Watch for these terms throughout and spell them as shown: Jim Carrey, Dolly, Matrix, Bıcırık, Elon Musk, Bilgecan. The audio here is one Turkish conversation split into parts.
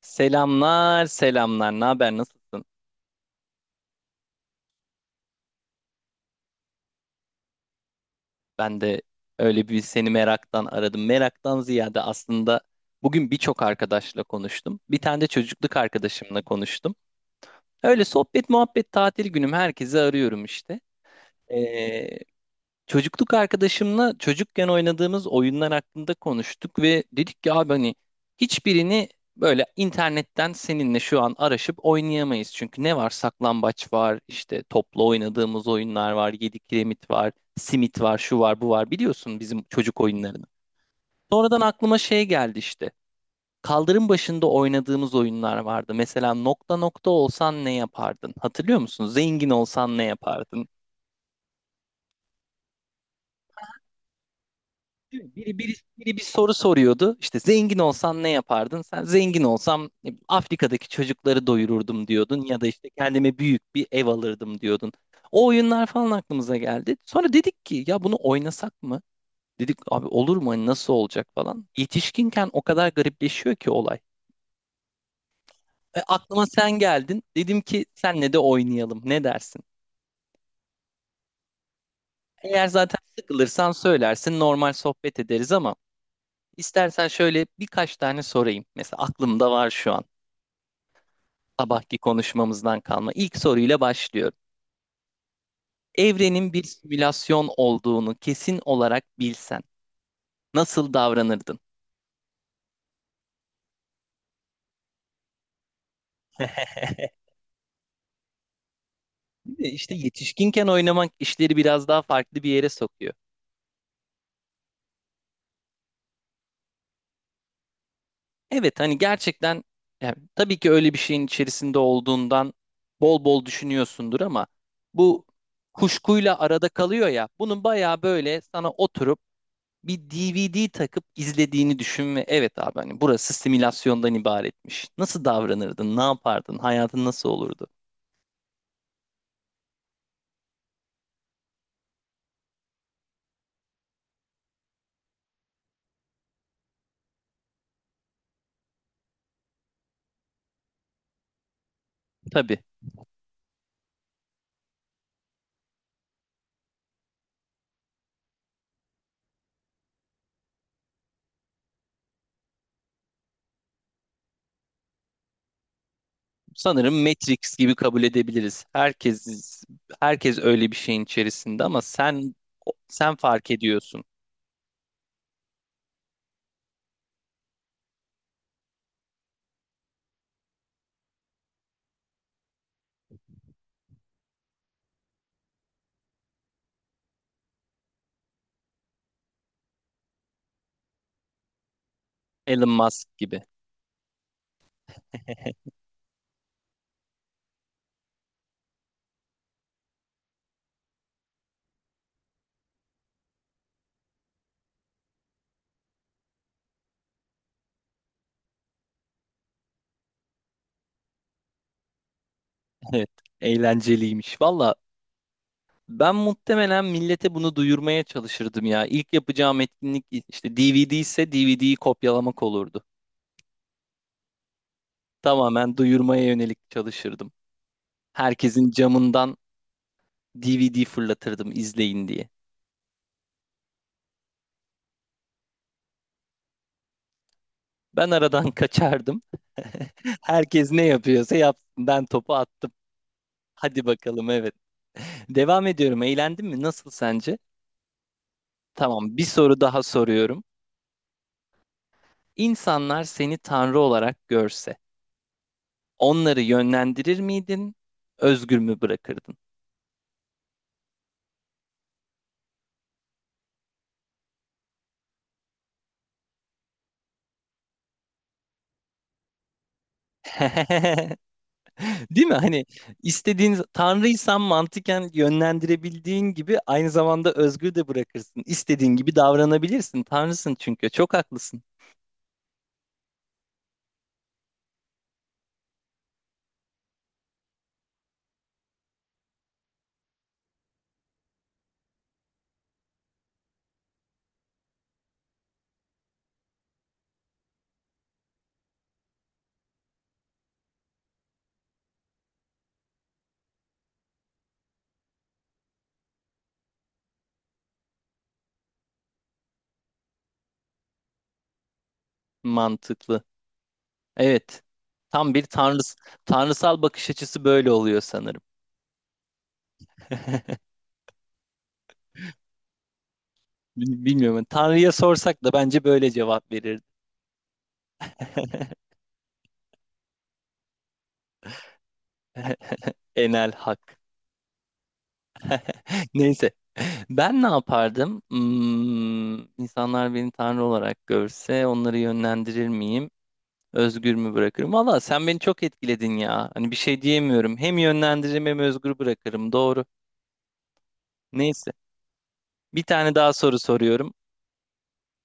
Selamlar, selamlar. Ne haber, nasılsın? Ben de öyle bir seni meraktan aradım. Meraktan ziyade aslında bugün birçok arkadaşla konuştum. Bir tane de çocukluk arkadaşımla konuştum. Öyle sohbet, muhabbet, tatil günüm herkesi arıyorum işte. Ee, çocukluk arkadaşımla çocukken oynadığımız oyunlar hakkında konuştuk ve dedik ki abi hani hiçbirini böyle internetten seninle şu an araşıp oynayamayız. Çünkü ne var? Saklambaç var, işte topla oynadığımız oyunlar var, yedi kiremit var, simit var, şu var, bu var. Biliyorsun bizim çocuk oyunlarını. Sonradan aklıma şey geldi işte. Kaldırım başında oynadığımız oyunlar vardı. Mesela nokta nokta olsan ne yapardın? Hatırlıyor musun? Zengin olsan ne yapardın? Değil mi? Biri bir soru soruyordu. İşte zengin olsan ne yapardın? Sen zengin olsam ne Afrika'daki çocukları doyururdum diyordun ya da işte kendime büyük bir ev alırdım diyordun. O oyunlar falan aklımıza geldi. Sonra dedik ki ya bunu oynasak mı? Dedik abi olur mu? Hani nasıl olacak falan. Yetişkinken o kadar garipleşiyor ki olay. Aklıma sen geldin. Dedim ki senle de oynayalım. Ne dersin? Eğer zaten sıkılırsan söylersin normal sohbet ederiz ama istersen şöyle birkaç tane sorayım. Mesela aklımda var şu an. Sabahki konuşmamızdan kalma. İlk soruyla başlıyorum. Evrenin bir simülasyon olduğunu kesin olarak bilsen nasıl davranırdın? Değil mi? İşte yetişkinken oynamak işleri biraz daha farklı bir yere sokuyor. Evet hani gerçekten yani tabii ki öyle bir şeyin içerisinde olduğundan bol bol düşünüyorsundur ama bu kuşkuyla arada kalıyor ya bunun bayağı böyle sana oturup bir DVD takıp izlediğini düşün ve evet abi hani burası simülasyondan ibaretmiş. Nasıl davranırdın? Ne yapardın? Hayatın nasıl olurdu? Tabii. Sanırım Matrix gibi kabul edebiliriz. Herkes öyle bir şeyin içerisinde ama sen fark ediyorsun. Elon Musk gibi. Evet, eğlenceliymiş. Valla ben muhtemelen millete bunu duyurmaya çalışırdım ya. İlk yapacağım etkinlik işte DVD ise DVD'yi kopyalamak olurdu. Tamamen duyurmaya yönelik çalışırdım. Herkesin camından DVD fırlatırdım izleyin diye. Ben aradan kaçardım. Herkes ne yapıyorsa yapsın. Ben topu attım. Hadi bakalım evet. Devam ediyorum. Eğlendin mi? Nasıl sence? Tamam, bir soru daha soruyorum. İnsanlar seni tanrı olarak görse, onları yönlendirir miydin? Özgür mü bırakırdın? Değil mi? Hani istediğin tanrıysan mantıken yönlendirebildiğin gibi aynı zamanda özgür de bırakırsın. İstediğin gibi davranabilirsin. Tanrısın çünkü. Çok haklısın. Mantıklı. Evet. Tam bir tanrıs tanrısal bakış açısı böyle oluyor sanırım. Bilmiyorum. Hani Tanrı'ya sorsak da bence böyle cevap verirdi. Enel hak. Neyse. Ben ne yapardım? Hmm, insanlar beni tanrı olarak görse onları yönlendirir miyim? Özgür mü bırakırım? Valla sen beni çok etkiledin ya. Hani bir şey diyemiyorum. Hem yönlendiririm hem özgür bırakırım. Doğru. Neyse. Bir tane daha soru soruyorum.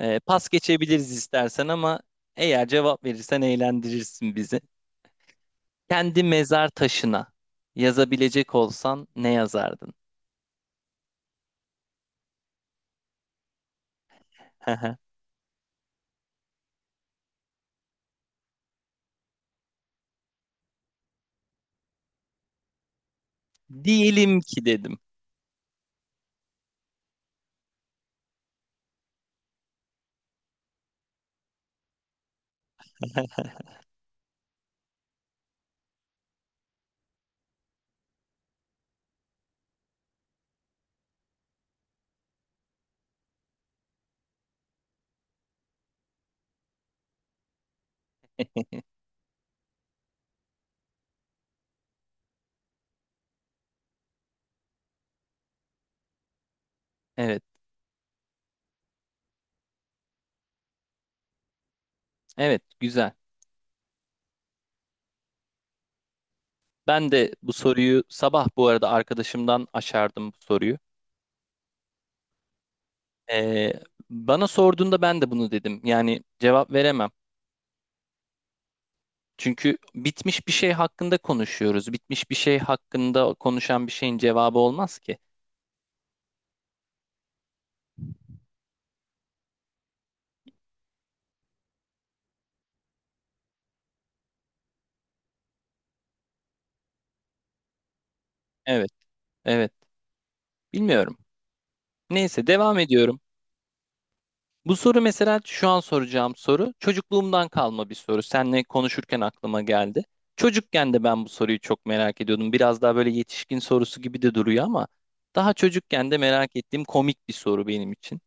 Pas geçebiliriz istersen ama eğer cevap verirsen eğlendirirsin bizi. Kendi mezar taşına yazabilecek olsan ne yazardın? Diyelim ki dedim. Evet. Evet. Güzel. Ben de bu soruyu sabah bu arada arkadaşımdan aşardım bu soruyu. Ee, bana sorduğunda ben de bunu dedim. Yani cevap veremem. Çünkü bitmiş bir şey hakkında konuşuyoruz. Bitmiş bir şey hakkında konuşan bir şeyin cevabı olmaz ki. Evet, evet. Bilmiyorum. Neyse devam ediyorum. Bu soru mesela şu an soracağım soru çocukluğumdan kalma bir soru. Seninle konuşurken aklıma geldi. Çocukken de ben bu soruyu çok merak ediyordum. Biraz daha böyle yetişkin sorusu gibi de duruyor ama daha çocukken de merak ettiğim komik bir soru benim için.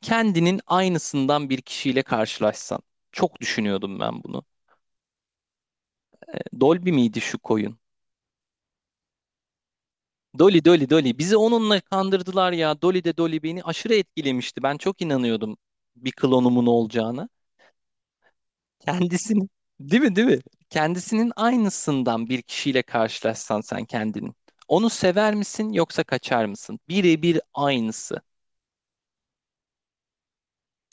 Kendinin aynısından bir kişiyle karşılaşsan. Çok düşünüyordum ben bunu. E, Dolby miydi şu koyun? Dolly bizi onunla kandırdılar ya. Dolly beni aşırı etkilemişti. Ben çok inanıyordum bir klonumun olacağına. Kendisini değil mi değil mi? Kendisinin aynısından bir kişiyle karşılaşsan sen kendini. Onu sever misin yoksa kaçar mısın? Birebir aynısı.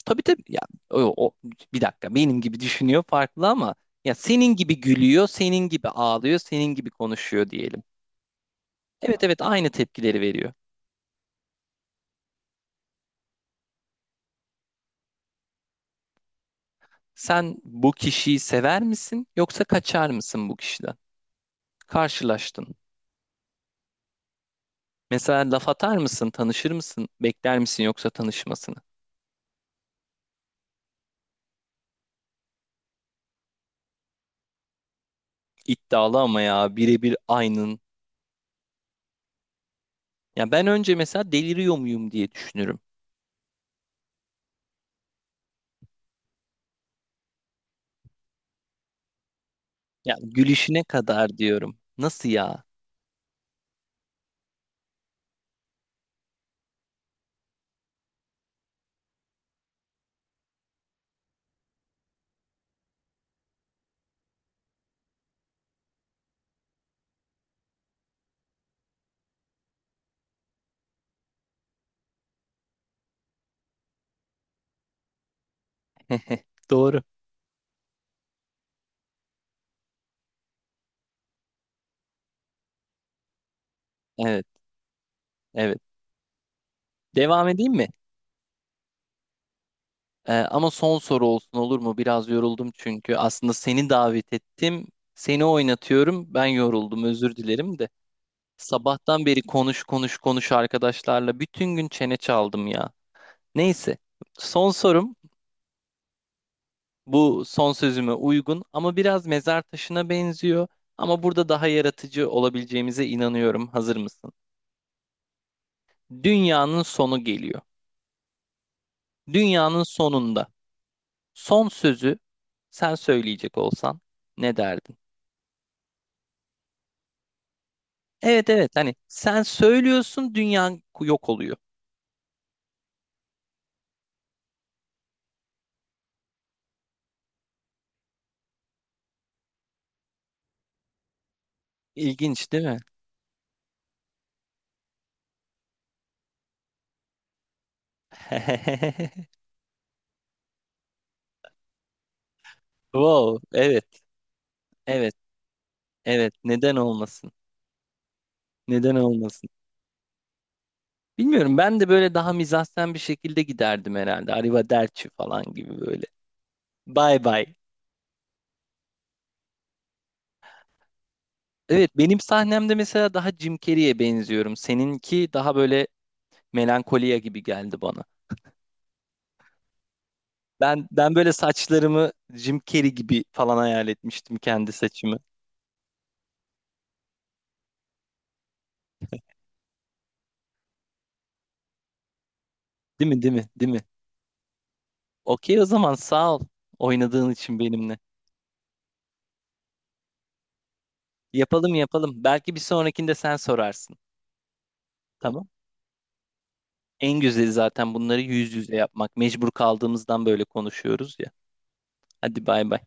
Tabii tabii ya o, o- bir dakika benim gibi düşünüyor farklı ama ya senin gibi gülüyor, senin gibi ağlıyor, senin gibi konuşuyor diyelim. Evet evet aynı tepkileri veriyor. Sen bu kişiyi sever misin yoksa kaçar mısın bu kişiden? Karşılaştın. Mesela laf atar mısın, tanışır mısın, bekler misin yoksa tanışmasını? İddialı ama ya birebir aynın. Ya ben önce mesela deliriyor muyum diye düşünürüm. Ya gülüşüne kadar diyorum. Nasıl ya? Doğru. Evet, evet. Devam edeyim mi? Ama son soru olsun olur mu? Biraz yoruldum çünkü. Aslında seni davet ettim. Seni oynatıyorum. Ben yoruldum. Özür dilerim de. Sabahtan beri konuş konuş konuş arkadaşlarla bütün gün çene çaldım ya. Neyse. Son sorum bu son sözüme uygun ama biraz mezar taşına benziyor. Ama burada daha yaratıcı olabileceğimize inanıyorum. Hazır mısın? Dünyanın sonu geliyor. Dünyanın sonunda son sözü sen söyleyecek olsan ne derdin? Evet evet hani sen söylüyorsun dünya yok oluyor. İlginç değil mi? Wow, evet, evet, evet. Neden olmasın? Neden olmasın? Bilmiyorum ben de böyle daha mizahsen bir şekilde giderdim herhalde. Arrivederci falan gibi böyle. Bye bye. Evet benim sahnemde mesela daha Jim Carrey'e benziyorum. Seninki daha böyle melankoliya gibi geldi bana. Ben böyle saçlarımı Jim Carrey gibi falan hayal etmiştim kendi saçımı. Değil mi? Değil mi? Değil mi? Okey o zaman sağ ol oynadığın için benimle. Yapalım yapalım. Belki bir sonrakinde sen sorarsın. Tamam? En güzeli zaten bunları yüz yüze yapmak. Mecbur kaldığımızdan böyle konuşuyoruz ya. Hadi bay bay.